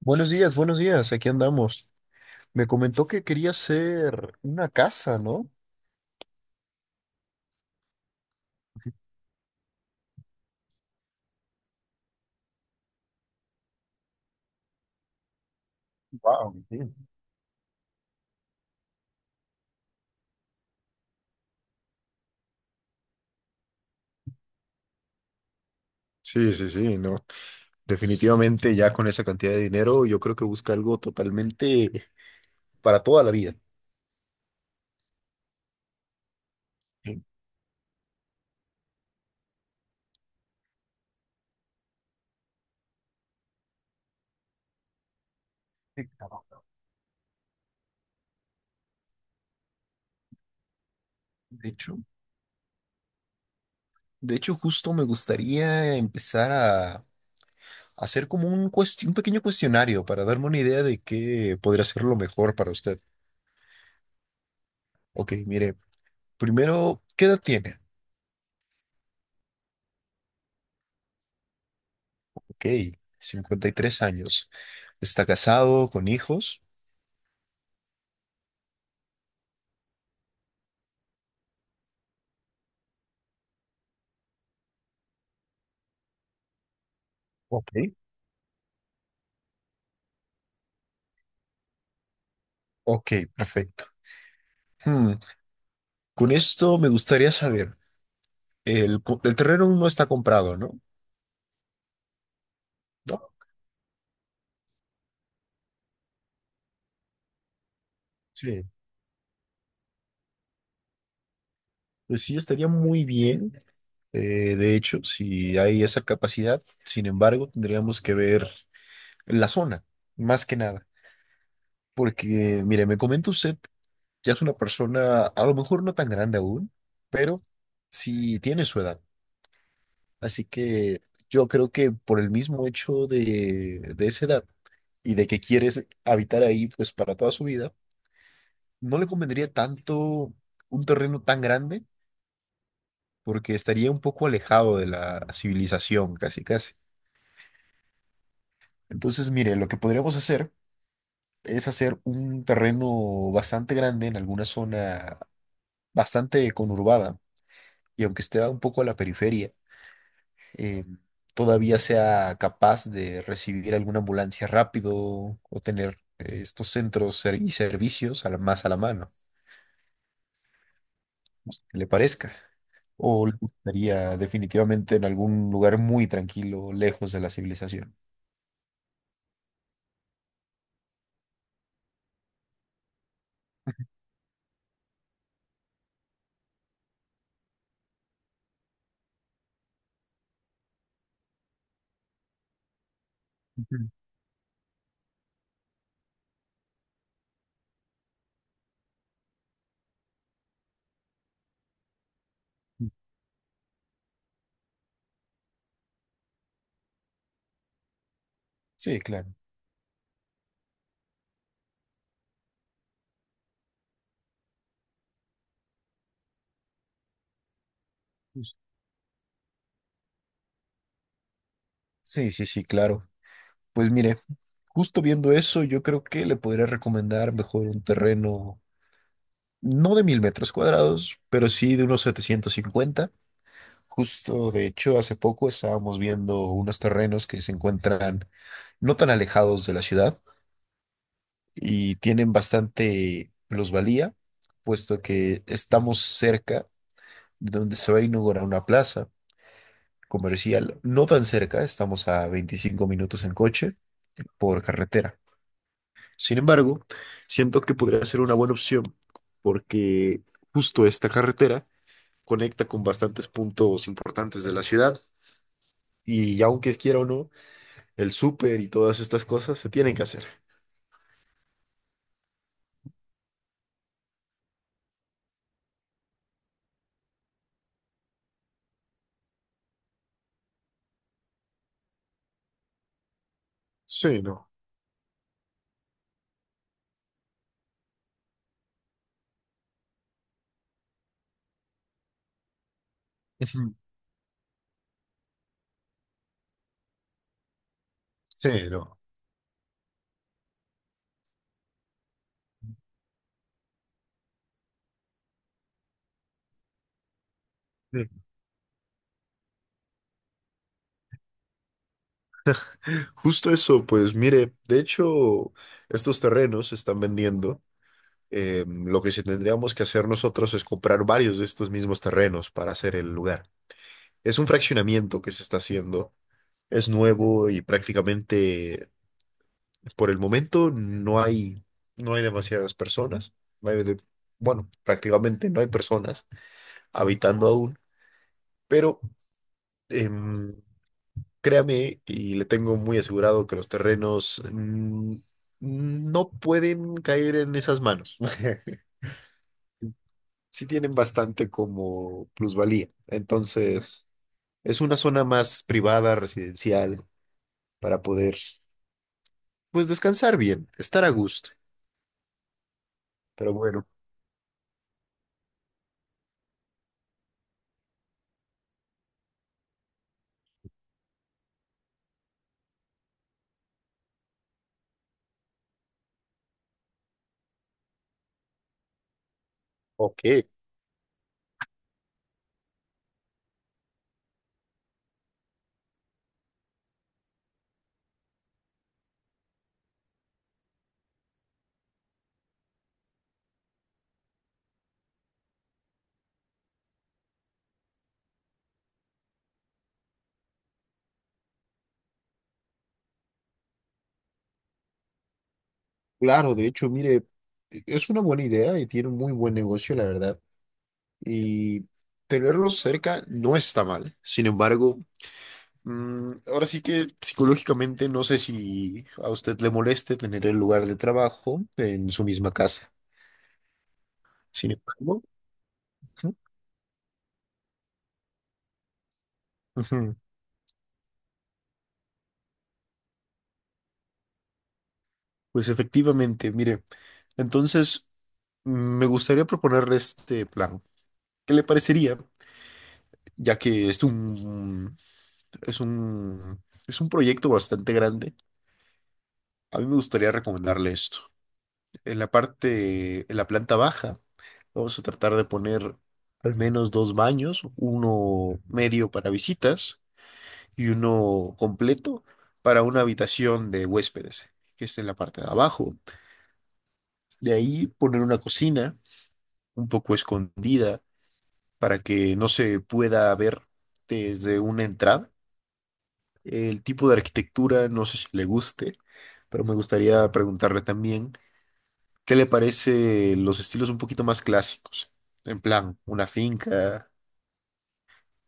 Buenos días, aquí andamos. Me comentó que quería hacer una casa, ¿no? Wow, sí. Sí, sí, sí, no. Definitivamente ya con esa cantidad de dinero, yo creo que busca algo totalmente para toda la vida. Sí, claro. De hecho, de hecho, justo me gustaría empezar a hacer como un pequeño cuestionario para darme una idea de qué podría ser lo mejor para usted. Ok, mire, primero, ¿qué edad tiene? Ok, 53 años. ¿Está casado con hijos? Ok. Ok, perfecto. Hmm. Con esto me gustaría saber, el terreno aún no está comprado, ¿no? No. Sí. Pues sí, estaría muy bien, de hecho, si hay esa capacidad. Sin embargo, tendríamos que ver la zona, más que nada. Porque, mire, me comenta usted, ya es una persona, a lo mejor no tan grande aún, pero sí tiene su edad. Así que yo creo que por el mismo hecho de esa edad, y de que quieres habitar ahí pues para toda su vida, no le convendría tanto un terreno tan grande porque estaría un poco alejado de la civilización, casi casi. Entonces, mire, lo que podríamos hacer es hacer un terreno bastante grande en alguna zona bastante conurbada y aunque esté un poco a la periferia, eh, todavía sea capaz de recibir alguna ambulancia rápido o tener estos y servicios más a la mano, no sé qué le parezca. ¿O le gustaría definitivamente en algún lugar muy tranquilo, lejos de la civilización? Ujú, ujú. Sí, claro. Justo. Sí, sí, sí, claro. Pues mire, justo viendo eso, yo creo que le podría recomendar mejor un terreno, no de 1000 metros cuadrados, pero sí de unos 750. Justo, de hecho, hace poco estábamos viendo unos terrenos que se encuentran no tan alejados de la ciudad y tienen bastante plusvalía, puesto que estamos cerca de donde se va a inaugurar una plaza comercial no tan cerca, estamos a 25 minutos en coche por carretera. Sin embargo, siento que podría ser una buena opción porque justo esta carretera conecta con bastantes puntos importantes de la ciudad y aunque quiera o no, el súper y todas estas cosas se tienen que hacer. Sí, no. Ujú. Sí, no. Sí. Justo eso, pues mire, de hecho, estos terrenos se están vendiendo. Lo que sí tendríamos que hacer nosotros es comprar varios de estos mismos terrenos para hacer el lugar. Es un fraccionamiento que se está haciendo. Es nuevo y prácticamente por el momento no hay, no hay demasiadas personas. No hay de- bueno, prácticamente no hay personas habitando aún, pero em, créame y le tengo muy asegurado que los terrenos no pueden caer en esas manos. Sí tienen bastante como plusvalía. Entonces, es una zona más privada, residencial, para poder, pues, descansar bien, estar a gusto. Pero bueno, ok, claro, de hecho, mire, es una buena idea y tiene un muy buen negocio, la verdad. Y tenerlo cerca no está mal. Sin embargo, mm, ahora sí que psicológicamente no sé si a usted le moleste tener el lugar de trabajo en su misma casa. Sin embargo, ujú, ujú. Pues efectivamente, mire, entonces me gustaría proponerle este plan. ¿Qué le parecería? Ya que es un, es un proyecto bastante grande, a mí me gustaría recomendarle esto. En la parte, en la planta baja, vamos a tratar de poner al menos dos baños, uno medio para visitas y uno completo para una habitación de huéspedes, que está en la parte de abajo. De ahí poner una cocina un poco escondida para que no se pueda ver desde una entrada. El tipo de arquitectura, no sé si le guste, pero me gustaría preguntarle también, ¿qué le parece los estilos un poquito más clásicos? En plan, una finca,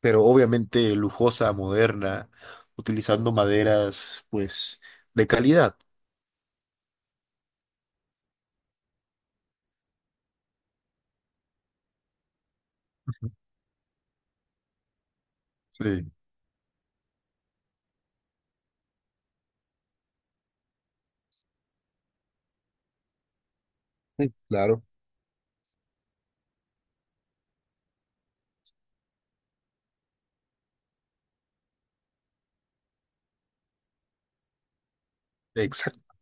pero obviamente lujosa, moderna, utilizando maderas, pues, de calidad. Sí. Sí, claro. Exacto.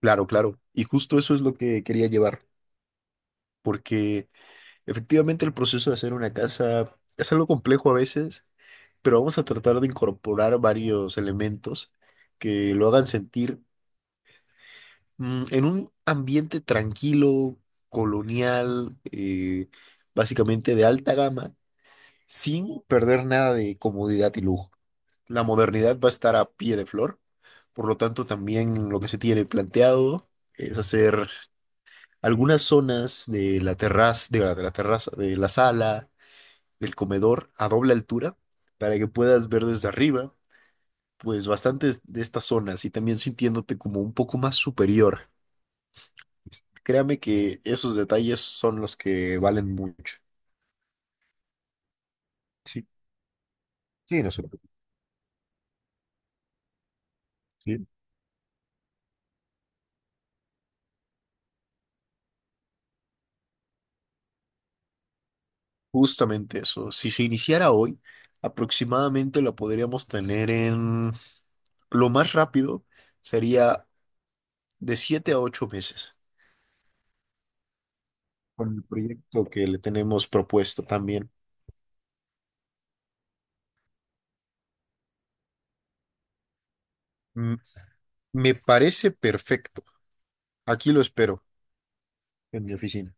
Claro, claro. Y justo eso es lo que quería llevar, porque efectivamente, el proceso de hacer una casa es algo complejo a veces, pero vamos a tratar de incorporar varios elementos que lo hagan sentir en un ambiente tranquilo, colonial, básicamente de alta gama, sin perder nada de comodidad y lujo. La modernidad va a estar a pie de flor, por lo tanto también lo que se tiene planteado es hacer algunas zonas de la terraza, de la terraza, de la sala del comedor a doble altura para que puedas ver desde arriba, pues bastantes de estas zonas y también sintiéndote como un poco más superior. Es- Créame que esos detalles son los que valen mucho. Sí. Sí, no sé. Sí. Justamente eso. Si se iniciara hoy, aproximadamente lo podríamos tener en lo más rápido sería de 7 a 8 meses con el proyecto que le tenemos propuesto también. Mm. Me parece perfecto. Aquí lo espero. En mi oficina.